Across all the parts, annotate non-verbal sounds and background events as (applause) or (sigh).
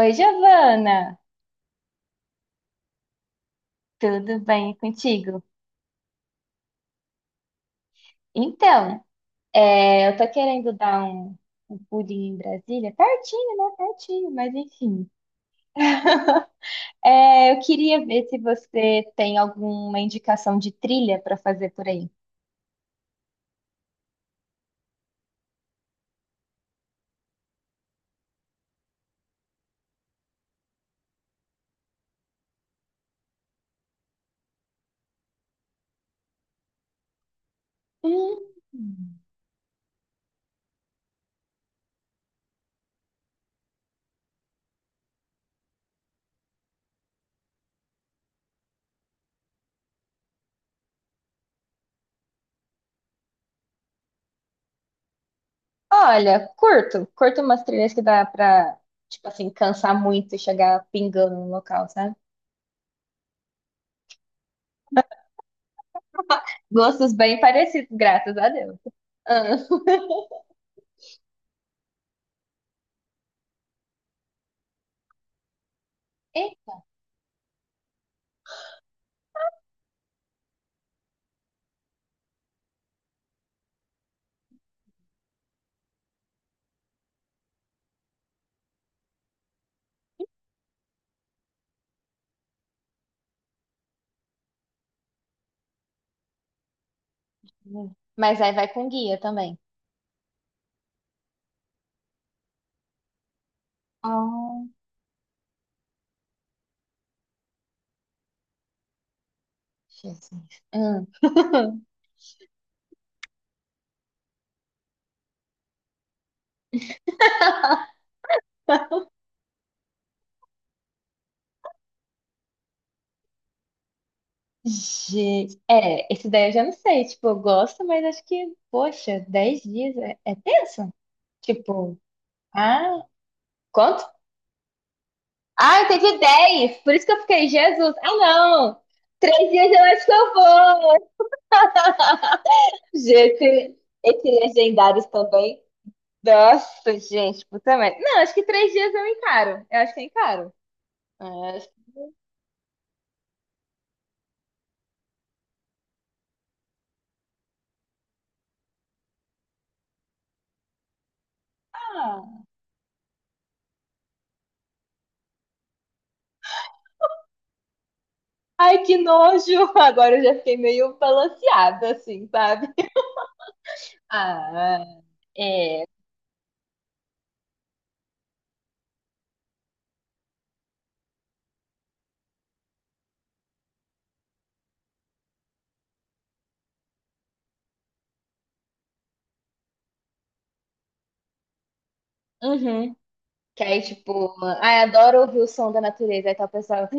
Oi, Giovana! Tudo bem contigo? Então, é, eu tô querendo dar um pulinho em Brasília, pertinho, né? Pertinho, mas enfim. (laughs) É, eu queria ver se você tem alguma indicação de trilha para fazer por aí. Hum. Olha, curto umas trilhas que dá pra, tipo assim, cansar muito e chegar pingando no local, sabe? Gostos bem parecidos, graças a Deus. Ah. (laughs) E- Mas aí vai com guia também. Oh, Jesus. Hum. (laughs) Gente, é, esse daí eu já não sei. Tipo, eu gosto, mas acho que, poxa, 10 dias é tenso? Tipo, ah, quanto? Ah, eu entendi 10, por isso que eu fiquei, Jesus. Ah, não! 3 dias eu acho que eu vou. Gente, esse legendários também. Nossa, gente, puta merda. Não, acho que 3 dias eu encaro. Eu acho que eu encaro. Ah, acho. que- Ai, que nojo! (laughs) Agora eu já fiquei meio balanceada, assim, sabe? (laughs) Ah, é. Uhum. Que aí, tipo, ai, adoro ouvir o som da natureza. Aí tal pessoa.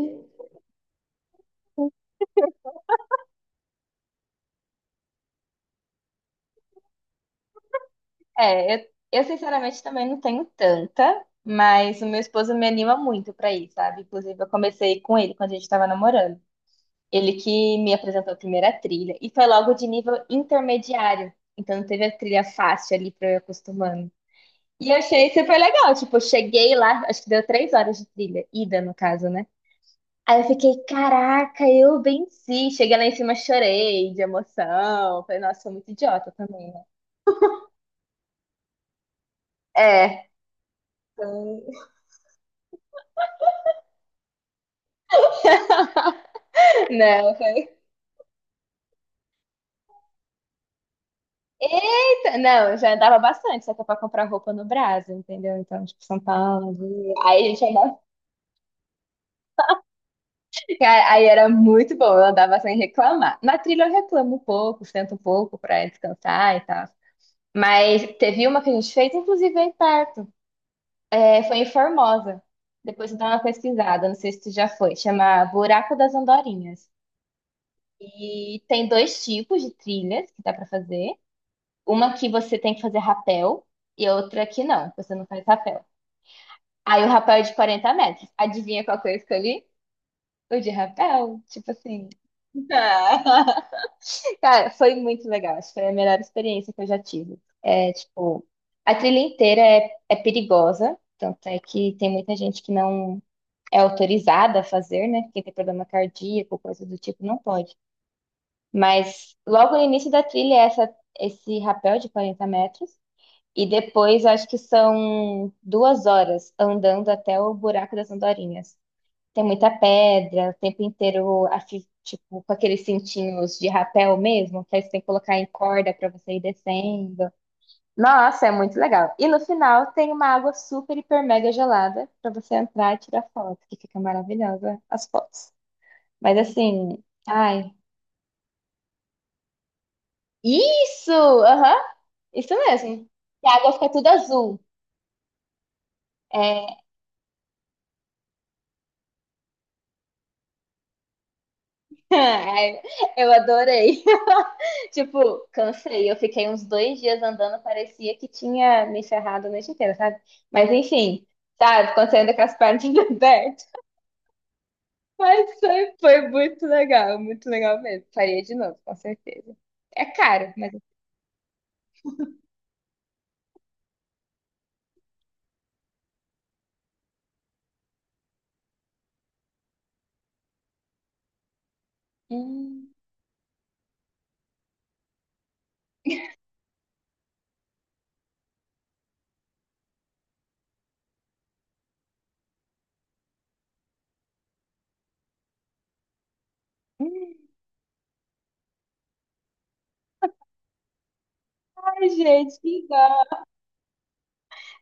É, eu sinceramente também não tenho tanta, mas o meu esposo me anima muito pra ir, sabe? Inclusive, eu comecei com ele quando a gente tava namorando. Ele que me apresentou a primeira trilha e foi logo de nível intermediário. Então, não teve a trilha fácil ali pra eu ir acostumando. E eu achei super legal. Tipo, eu cheguei lá, acho que deu 3 horas de trilha, ida no caso, né? Aí eu fiquei, caraca, eu venci. Cheguei lá em cima, chorei de emoção. Falei, nossa, sou muito idiota também, né? É. Então, (laughs) Não, foi. Eita, não, eu já andava bastante, só que é pra comprar roupa no Brasil, entendeu? Então, tipo, São Paulo. Rio. Aí a gente andava. (laughs) Cara, aí era muito bom, eu andava sem reclamar. Na trilha eu reclamo um pouco, sento um pouco pra descansar e tal. Mas teve uma que a gente fez, inclusive aí perto. É, foi em Formosa. Depois eu dou uma pesquisada, não sei se tu já foi. Chama Buraco das Andorinhas. E tem dois tipos de trilhas que dá pra fazer. Uma que você tem que fazer rapel e outra que não, que você não faz rapel. Aí o rapel é de 40 metros. Adivinha qual que eu escolhi? O de rapel. Tipo assim. (laughs) Cara, foi muito legal. Acho que foi a melhor experiência que eu já tive. É, tipo, a trilha inteira é perigosa, tanto é que tem muita gente que não é autorizada a fazer, né? Quem tem problema cardíaco, coisa do tipo, não pode. Mas logo no início da trilha é esse rapel de 40 metros. E depois acho que são 2 horas andando até o buraco das andorinhas. Tem muita pedra, o tempo inteiro, tipo, com aqueles cintinhos de rapel mesmo, que aí você tem que colocar em corda pra você ir descendo. Nossa, é muito legal. E no final tem uma água super, hiper, mega gelada pra você entrar e tirar foto, que fica maravilhosa as fotos. Mas assim, ai. Isso! Aham, isso mesmo. E a água fica tudo azul. É, (laughs) ai, eu adorei. (laughs) Tipo, cansei. Eu fiquei uns 2 dias andando, parecia que tinha me ferrado a noite inteira, sabe? Mas enfim, sabe? Quando você anda com as pernas (laughs) abertas. Mas foi muito legal mesmo. Faria de novo, com certeza. É caro, mas. Hum. Ai, gente, que dó.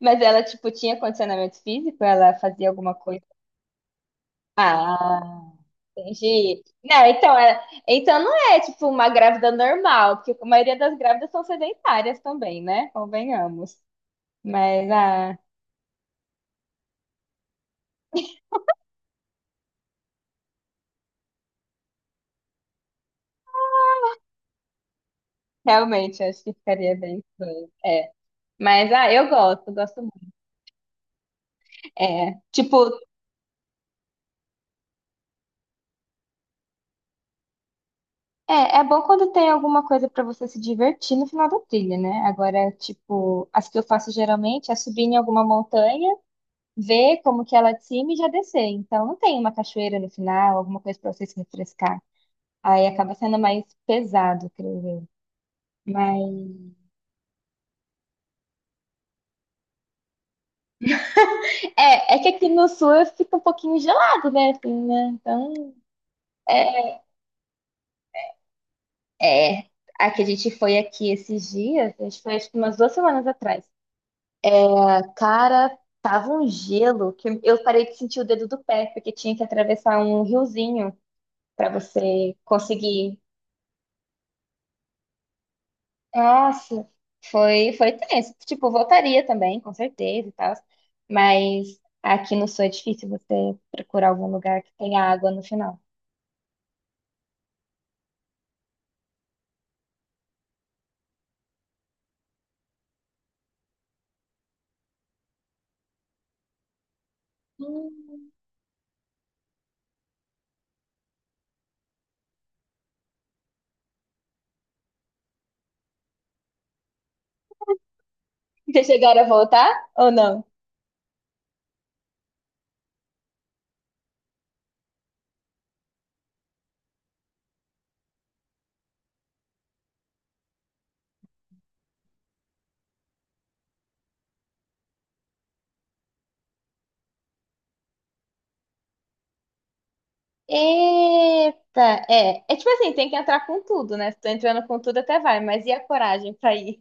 Mas ela, tipo, tinha condicionamento físico? Ela fazia alguma coisa? Ah. Entendi. Não, então, é, então não é tipo uma grávida normal, porque a maioria das grávidas são sedentárias também, né? Convenhamos. Mas ah, realmente acho que ficaria bem estranho. É. Mas ah, eu gosto muito. É, tipo, é, é bom quando tem alguma coisa pra você se divertir no final da trilha, né? Agora, tipo, as que eu faço geralmente é subir em alguma montanha, ver como que ela é de cima e já descer. Então não tem uma cachoeira no final, alguma coisa pra você se refrescar. Aí acaba sendo mais pesado, creio eu. Mas é, é que aqui no sul fica um pouquinho gelado, né? Assim, né? Então, é, é. A que a gente foi aqui esses dias, a gente foi acho que umas 2 semanas atrás. A cara tava um gelo que eu parei de sentir o dedo do pé, porque tinha que atravessar um riozinho para você conseguir. Nossa, foi tenso. Tipo, voltaria também, com certeza e tal. Mas aqui no sul é difícil você procurar algum lugar que tenha água no final. Hum. Vocês chegaram a voltar ou não? Eita, é. É tipo assim, tem que entrar com tudo, né? Se tô entrando com tudo até vai, mas e a coragem pra ir?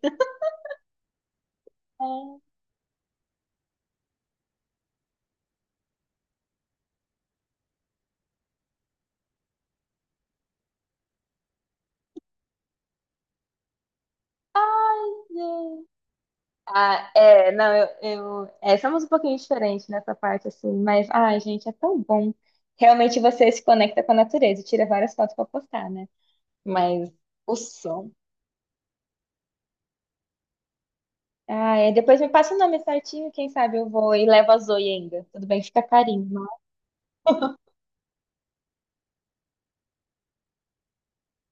(laughs) É. Ah, é, não, eu é, somos um pouquinho diferentes nessa parte, assim, mas, ai, gente, é tão bom. Realmente você se conecta com a natureza, e tira várias fotos pra postar, né? Mas o som. Ah, é, depois me passa o nome certinho, quem sabe eu vou e levo a Zoe ainda. Tudo bem, fica carinho.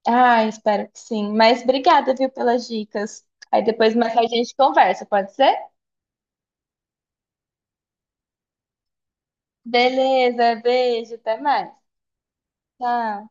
Ah, espero que sim. Mas obrigada, viu, pelas dicas. Aí depois mais tarde a gente conversa, pode ser? Beleza, beijo, até mais. Tchau.